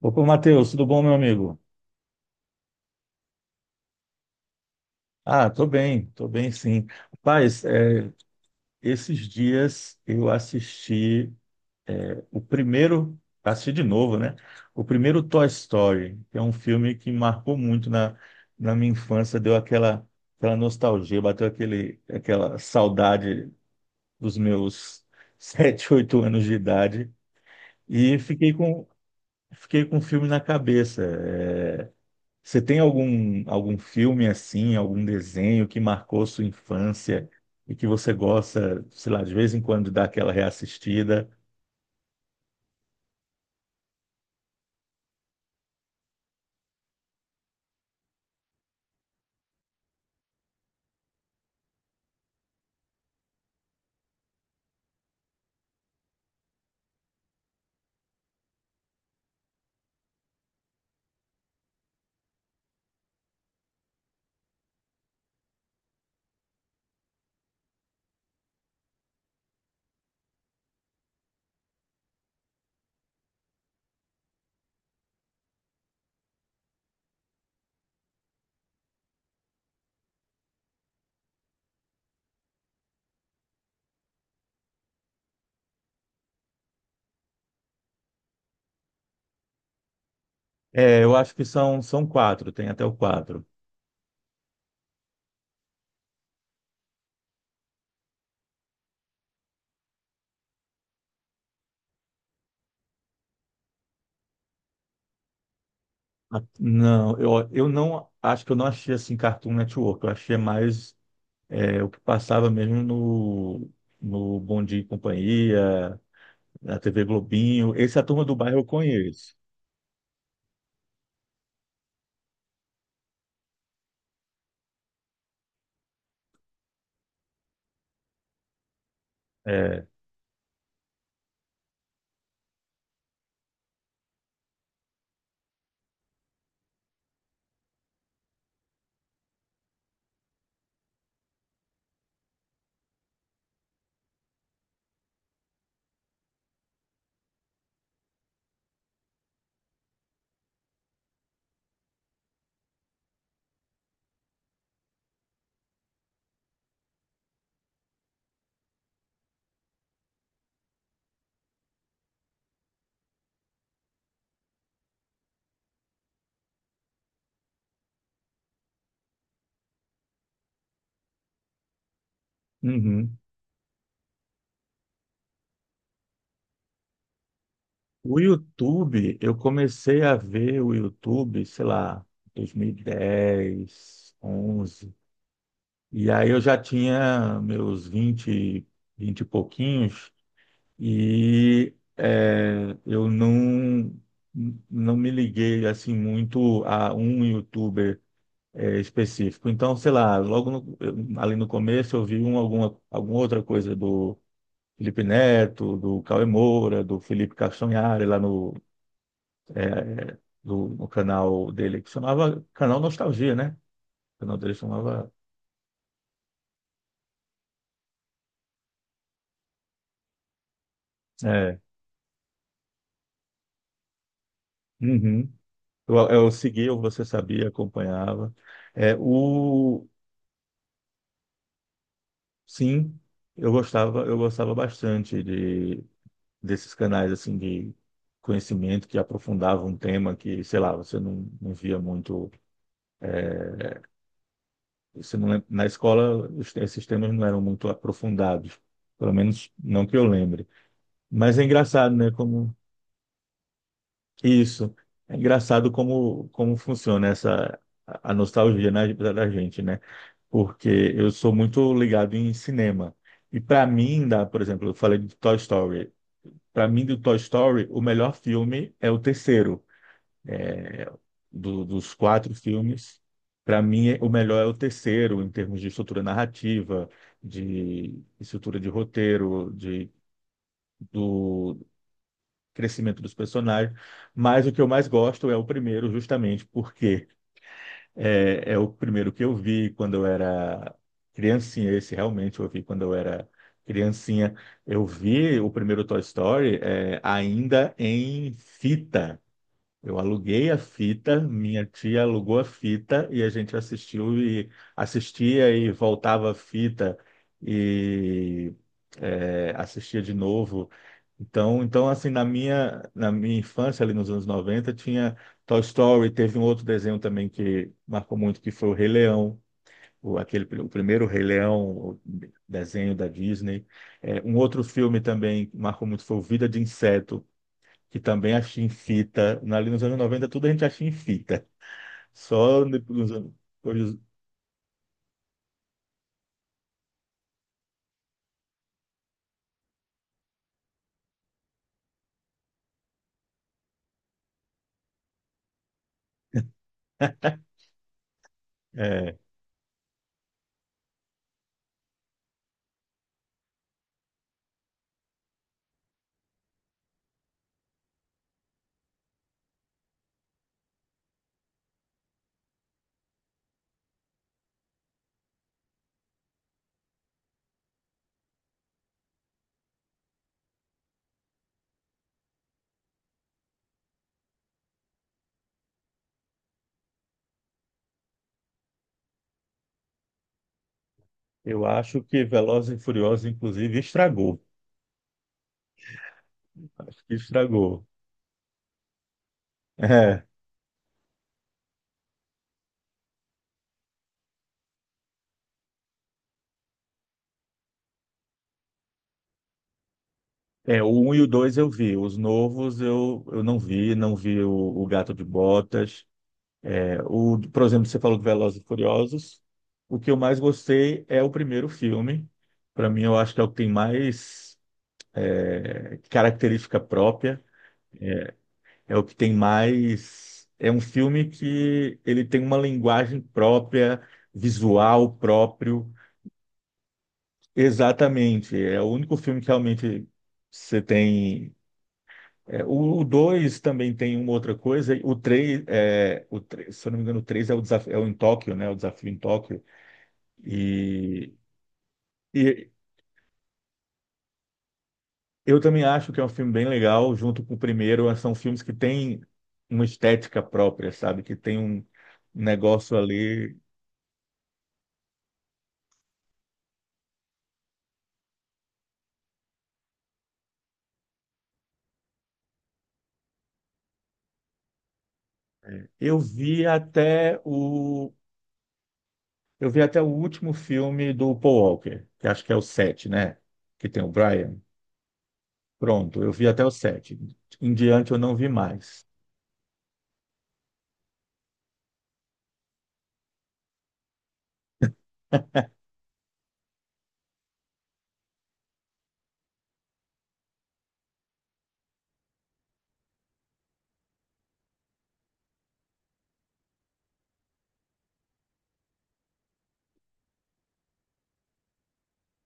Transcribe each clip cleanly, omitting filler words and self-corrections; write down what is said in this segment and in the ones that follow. Opa, Matheus, tudo bom, meu amigo? Ah, tô bem sim. Rapaz, esses dias eu assisti o primeiro, assisti de novo, né? O primeiro Toy Story, que é um filme que marcou muito na minha infância, deu aquela nostalgia, bateu aquela saudade dos meus 7, 8 anos de idade e fiquei com o filme na cabeça. Você tem algum filme assim, algum desenho que marcou sua infância e que você gosta, sei lá, de vez em quando dá aquela reassistida? É, eu acho que são quatro, tem até o quatro. Ah, não, eu não acho que eu não achei assim Cartoon Network, eu achei mais, o que passava mesmo no Bom Dia e Companhia, na TV Globinho. Esse A Turma do Bairro eu conheço. É, uhum. O YouTube, eu comecei a ver o YouTube, sei lá, 2010, 11. E 10, 11. E aí eu já tinha meus vinte e pouquinhos, e eu não me liguei assim muito a um YouTuber específico. Então, sei lá, logo no- eu- ali no começo eu vi alguma outra coisa do Felipe Neto, do Cauê Moura, do Felipe Castanhari lá no é, do, no canal dele, que chamava Canal Nostalgia, né? O canal dele chamava. É, uhum. Eu seguia, você sabia, acompanhava. É, sim, eu gostava bastante desses canais assim de conhecimento que aprofundavam um tema que, sei lá, você não via muito. é, você não lem- Na escola, esses temas não eram muito aprofundados, pelo menos não que eu lembre. Mas é engraçado, né? Como Isso. É engraçado como funciona essa a nostalgia da gente, né? Porque eu sou muito ligado em cinema. E para mim, por exemplo, eu falei de Toy Story. Para mim, do Toy Story, o melhor filme é o terceiro. Dos quatro filmes, para mim, o melhor é o terceiro, em termos de estrutura narrativa, de estrutura de roteiro, do crescimento dos personagens. Mas o que eu mais gosto é o primeiro, justamente porque é o primeiro que eu vi quando eu era criancinha. Esse realmente eu vi quando eu era criancinha. Eu vi o primeiro Toy Story, ainda em fita. Eu aluguei a fita, minha tia alugou a fita e a gente assistiu e assistia e voltava a fita e assistia de novo. Então assim, na minha infância, ali nos anos 90 tinha Toy Story, teve um outro desenho também que marcou muito, que foi o Rei Leão, o primeiro Rei Leão, o desenho da Disney. Um outro filme também que marcou muito foi o Vida de Inseto, que também achei em fita. Ali nos anos 90, tudo a gente achei em fita. Só no- nos anos. Hoje- é, eu acho que Velozes e Furiosos, inclusive, estragou. Acho que estragou. É, é, o 1 e o 2 eu vi. Os novos eu não vi. Não vi o Gato de Botas. Por exemplo, você falou de Velozes e Furiosos. O que eu mais gostei é o primeiro filme. Para mim, eu acho que é o que tem mais, característica própria. É o que tem mais. É um filme que ele tem uma linguagem própria, visual próprio. Exatamente. É o único filme que realmente você tem. O 2 também tem uma outra coisa. O 3 é, o três- se eu não me engano, o 3 é o desafio, é o em Tóquio, né? O desafio em Tóquio. E, e eu também acho que é um filme bem legal, junto com o primeiro. São filmes que têm uma estética própria, sabe? Que tem um negócio ali. Eu vi até o, eu vi até o último filme do Paul Walker, que acho que é o 7, né? Que tem o Brian. Pronto, eu vi até o 7. Em diante eu não vi mais.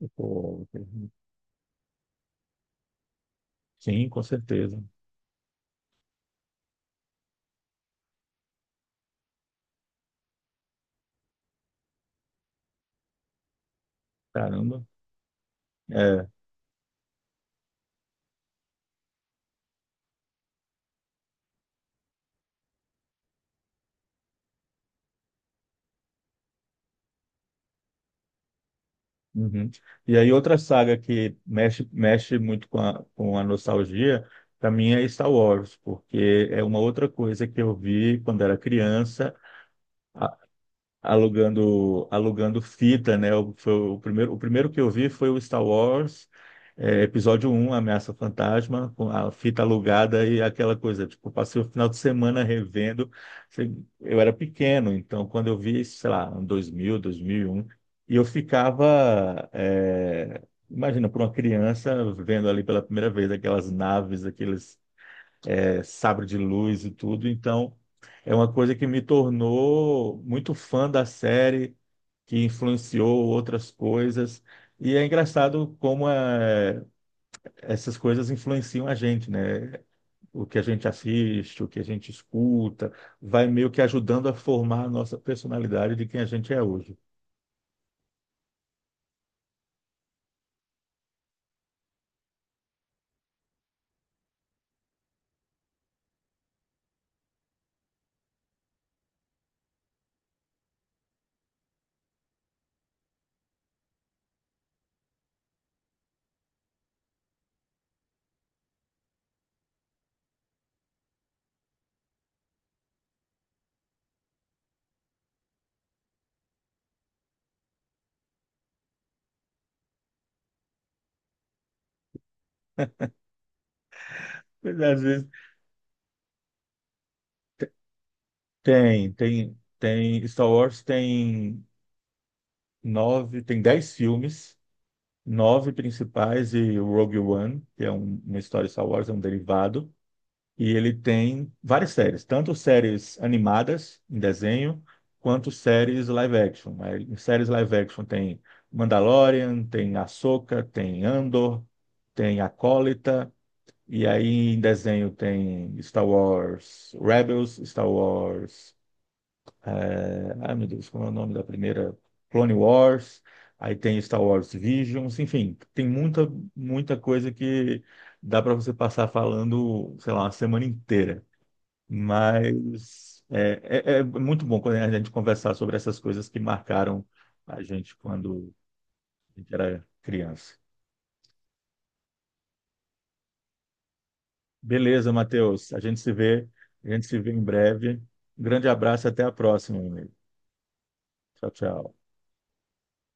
O Paul Walker. Sim, com certeza. Caramba. É. Uhum. E aí outra saga que mexe muito com a nostalgia, para mim é Star Wars, porque é uma outra coisa que eu vi quando era criança. Alugando fita, né? O primeiro que eu vi foi o Star Wars, episódio 1, Ameaça Fantasma, com a fita alugada e aquela coisa. Tipo, eu passei o final de semana revendo. Sei- Eu era pequeno, então quando eu vi, sei lá, em 2000, 2001, e um, e eu ficava, imagina, por uma criança vendo ali pela primeira vez aquelas naves, aqueles sabre de luz e tudo. Então, é uma coisa que me tornou muito fã da série, que influenciou outras coisas. E é engraçado como essas coisas influenciam a gente, né? O que a gente assiste, o que a gente escuta, vai meio que ajudando a formar a nossa personalidade de quem a gente é hoje. Mas, às vezes tem, Star Wars tem nove, tem 10 filmes. Nove principais e o Rogue One, que é uma história de Star Wars, é um derivado. E ele tem várias séries, tanto séries animadas em desenho, quanto séries live action. Aí, em séries live action tem Mandalorian, tem Ahsoka, tem Andor, tem Acólita, e aí em desenho tem Star Wars Rebels, Star Wars, ai meu Deus, como é o nome da primeira? Clone Wars, aí tem Star Wars Visions, enfim, tem muita, muita coisa que dá para você passar falando, sei lá, uma semana inteira. Mas é muito bom quando a gente conversar sobre essas coisas que marcaram a gente quando a gente era criança. Beleza, Matheus, a gente se vê em breve. Um grande abraço e até a próxima, meu amigo. Tchau, tchau.